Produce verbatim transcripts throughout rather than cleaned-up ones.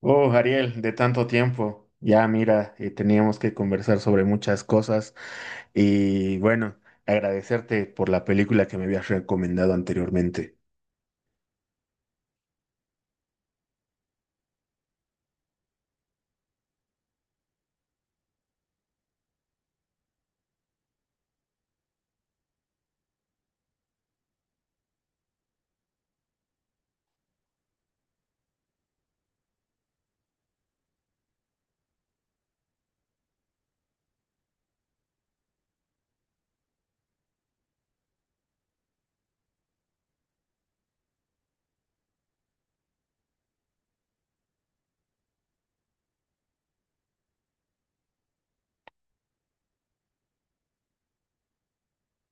Oh, Ariel, de tanto tiempo. Ya mira, eh, teníamos que conversar sobre muchas cosas y bueno, agradecerte por la película que me habías recomendado anteriormente.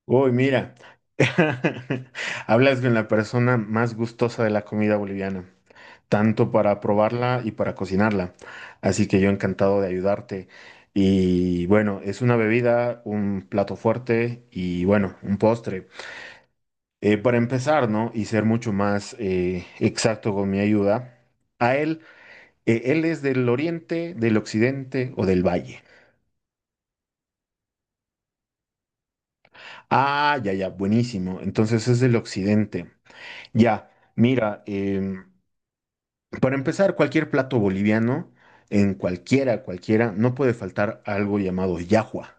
Uy, mira, hablas con la persona más gustosa de la comida boliviana, tanto para probarla y para cocinarla. Así que yo encantado de ayudarte. Y bueno, es una bebida, un plato fuerte y bueno, un postre. Eh, para empezar, ¿no? Y ser mucho más eh, exacto con mi ayuda, a él, eh, él es del oriente, del occidente o del valle. Ah, ya, ya, buenísimo. Entonces es del occidente. Ya, mira, em, para empezar, cualquier plato boliviano, en cualquiera, cualquiera, no puede faltar algo llamado yahua.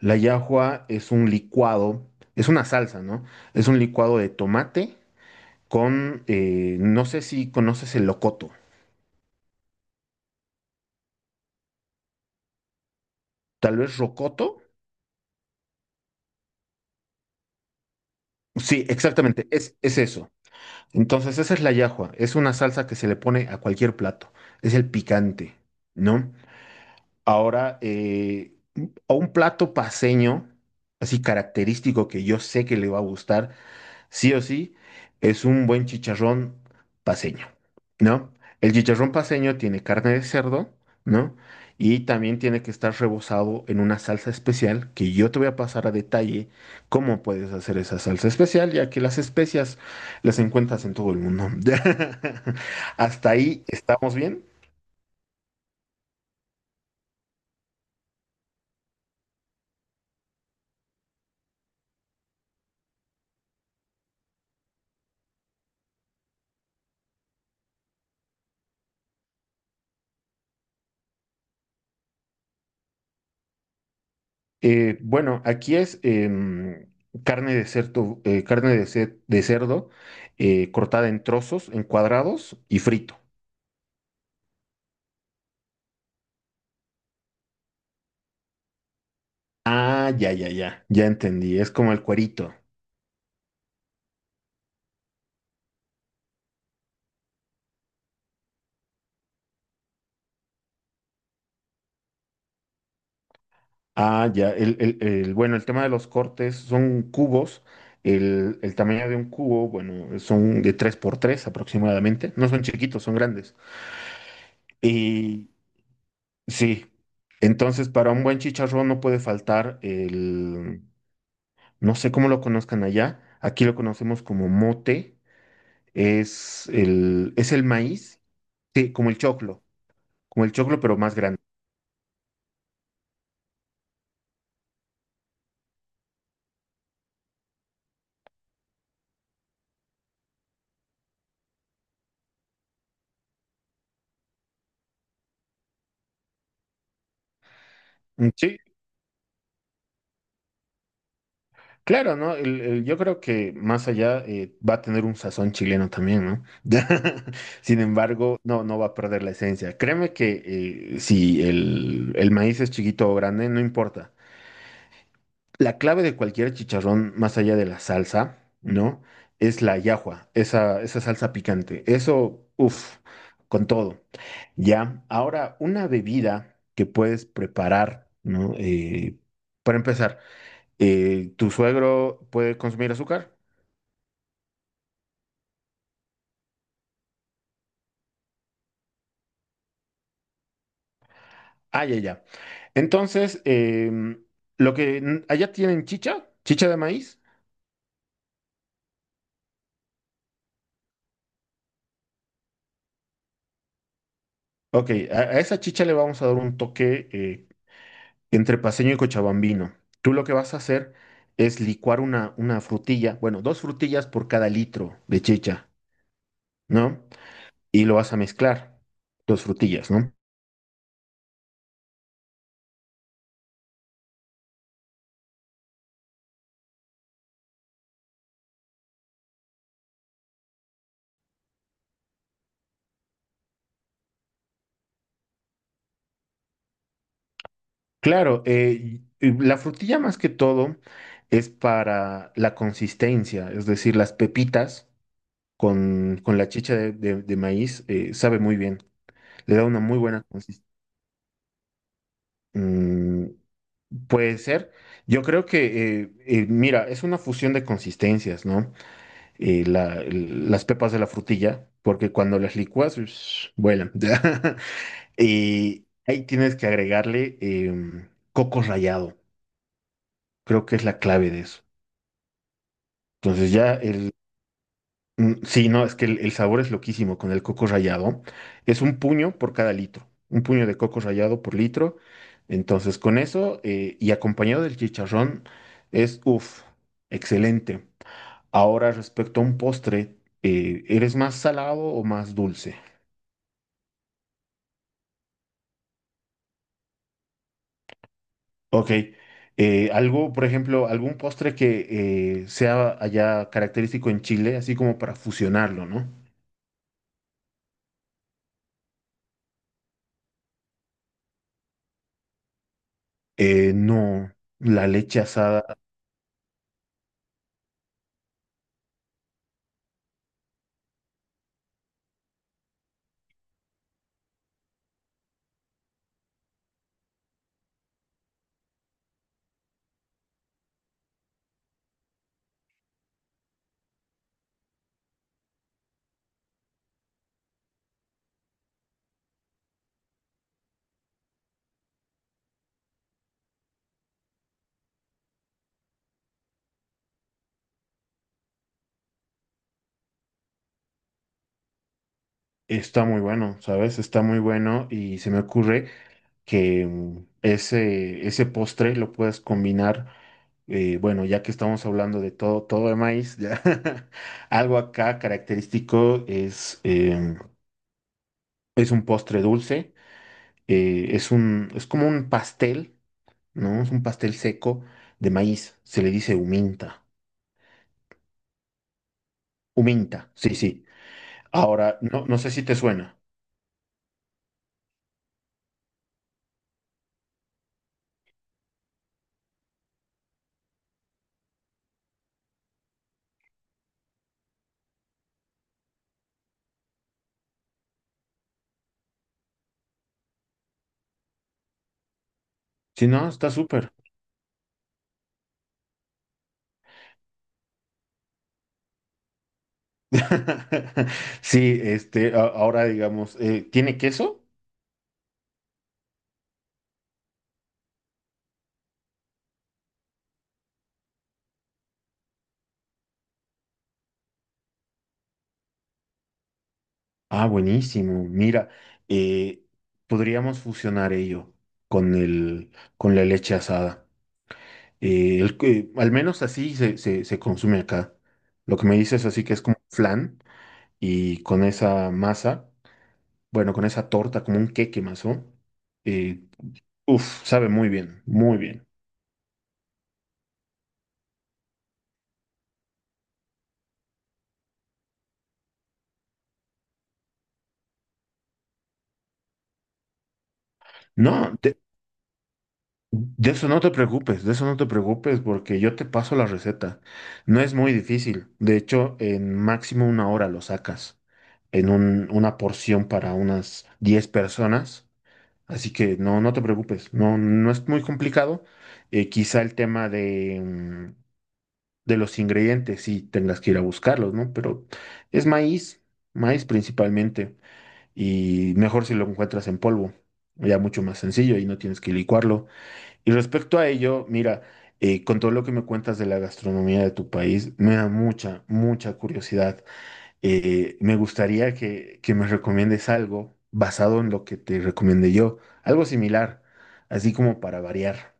La yahua es un licuado, es una salsa, ¿no? Es un licuado de tomate con, eh, no sé si conoces el locoto. Tal vez rocoto. Sí, exactamente, es, es eso. Entonces, esa es la yahua, es una salsa que se le pone a cualquier plato, es el picante, ¿no? Ahora, eh, a un plato paseño, así característico que yo sé que le va a gustar, sí o sí, es un buen chicharrón paceño, ¿no? El chicharrón paceño tiene carne de cerdo, ¿no? Y también tiene que estar rebozado en una salsa especial que yo te voy a pasar a detalle cómo puedes hacer esa salsa especial, ya que las especias las encuentras en todo el mundo. Hasta ahí estamos bien. Eh, bueno, aquí es em, carne de cerdo, eh, carne de, ce- de cerdo eh, cortada en trozos, en cuadrados y frito. Ah, ya, ya, ya, ya entendí, es como el cuerito. Ah, ya, el, el, el- bueno, el tema de los cortes son cubos, el, el tamaño de un cubo, bueno, son de tres por tres aproximadamente, no son chiquitos, son grandes. Y sí, entonces para un buen chicharrón no puede faltar el, no sé cómo lo conozcan allá, aquí lo conocemos como mote, es el, es el maíz, sí, como el choclo, como el choclo pero más grande. Sí, claro, ¿no? El- el- yo creo que más allá eh, va a tener un sazón chileno también, ¿no? Sin embargo, no, no va a perder la esencia. Créeme que eh, si el, el maíz es chiquito o grande, no importa. La clave de cualquier chicharrón, más allá de la salsa, ¿no? Es la llajua, esa, esa salsa picante. Eso, uff, con todo. Ya, ahora una bebida que puedes preparar, ¿no? Eh, para empezar eh, ¿tu suegro puede consumir azúcar? Ah, ya, ya. Entonces, em, lo que allá tienen chicha, chicha de maíz. Ok, a, a esa chicha le vamos a dar un toque eh, entre paceño y cochabambino. Tú lo que vas a hacer es licuar una, una frutilla, bueno, dos frutillas por cada litro de chicha, ¿no? Y lo vas a mezclar, dos frutillas, ¿no? Claro, eh, y la frutilla más que todo es para la consistencia, es decir, las pepitas. con, con la chicha de, de- de maíz, eh, sabe muy bien, le da una muy buena consistencia. puede ser. Yo creo que, eh, eh, mira, es una fusión de consistencias, ¿no? Eh, la- el- las pepas de la frutilla, porque cuando las licuas, ush, vuelan. Y ahí tienes que agregarle em, coco rallado. Creo que es la clave de eso. Entonces ya. Mm, sí, no, es que el, el sabor es loquísimo con el coco rallado. Es un puño por cada litro, un puño de coco rallado por litro. Entonces, con eso eh, y acompañado del chicharrón, es uff, excelente. Ahora, respecto a un postre, eh, ¿eres más salado o más dulce? Ok, eh, algo, por ejemplo, algún postre que eh, sea allá característico en Chile, así como para fusionarlo, ¿no? Eh, no, la leche asada. Está muy bueno, ¿sabes? Está muy bueno y se me ocurre que mm, ese, ese postre lo puedes combinar, eh, bueno, ya que estamos hablando de todo, todo de maíz, ya, algo acá característico es, em, es un postre dulce, eh, es un, es como un pastel, ¿no? Es un pastel seco de maíz, se le dice huminta, huminta, sí, sí. Ahora, no, no sé si te suena. Si no, está súper. Sí, este, a- ahora digamos, eh, ¿tiene queso? Ah, buenísimo. Mira, eh, podríamos fusionar ello con el, con la leche asada. Eh, el que- al menos así se, se, se consume acá. Lo que me dices así que es como flan y con esa masa, bueno, con esa torta, como un queque más, ¿no? Eh, uf, sabe muy bien, muy bien. No, De eso no te preocupes, de eso no te preocupes, porque yo te paso la receta. No es muy difícil. De hecho, en máximo una hora lo sacas en un- una porción para unas diez personas. Así que no, no te preocupes, no, no es muy complicado. Eh, quizá el tema de, mm, de los ingredientes, sí tengas que ir a buscarlos, ¿no? Pero es maíz, maíz principalmente, y mejor si lo encuentras en polvo. Ya mucho más sencillo y no tienes que licuarlo. Y respecto a ello, mira, eh, con todo lo que me cuentas de la gastronomía de tu país, me da mucha, mucha curiosidad. Eh, me gustaría que, que me recomiendes algo basado en lo que te recomendé yo, algo similar, así como para variar.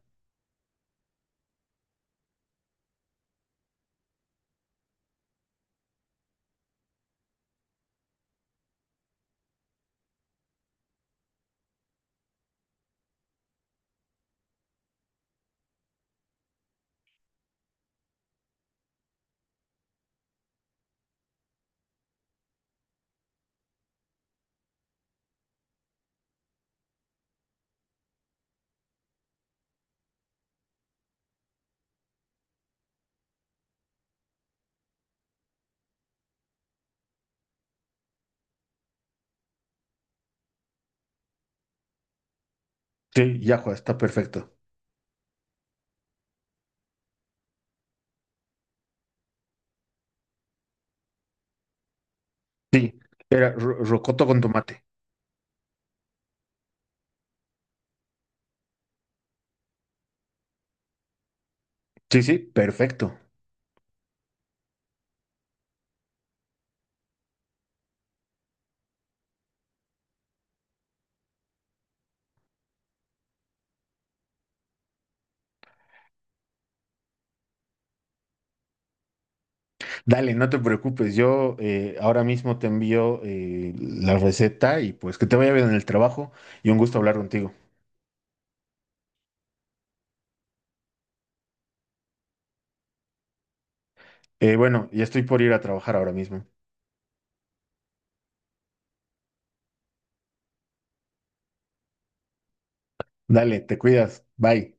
Sí, ya, Juan, está perfecto. Sí, era ro- rocoto con tomate. Sí, sí, perfecto. Dale, no te preocupes, yo eh, ahora mismo te envío eh, la receta y pues que te vaya bien en el trabajo y un gusto hablar contigo. Eh, bueno, ya estoy por ir a trabajar ahora mismo. Dale, te cuidas. Bye.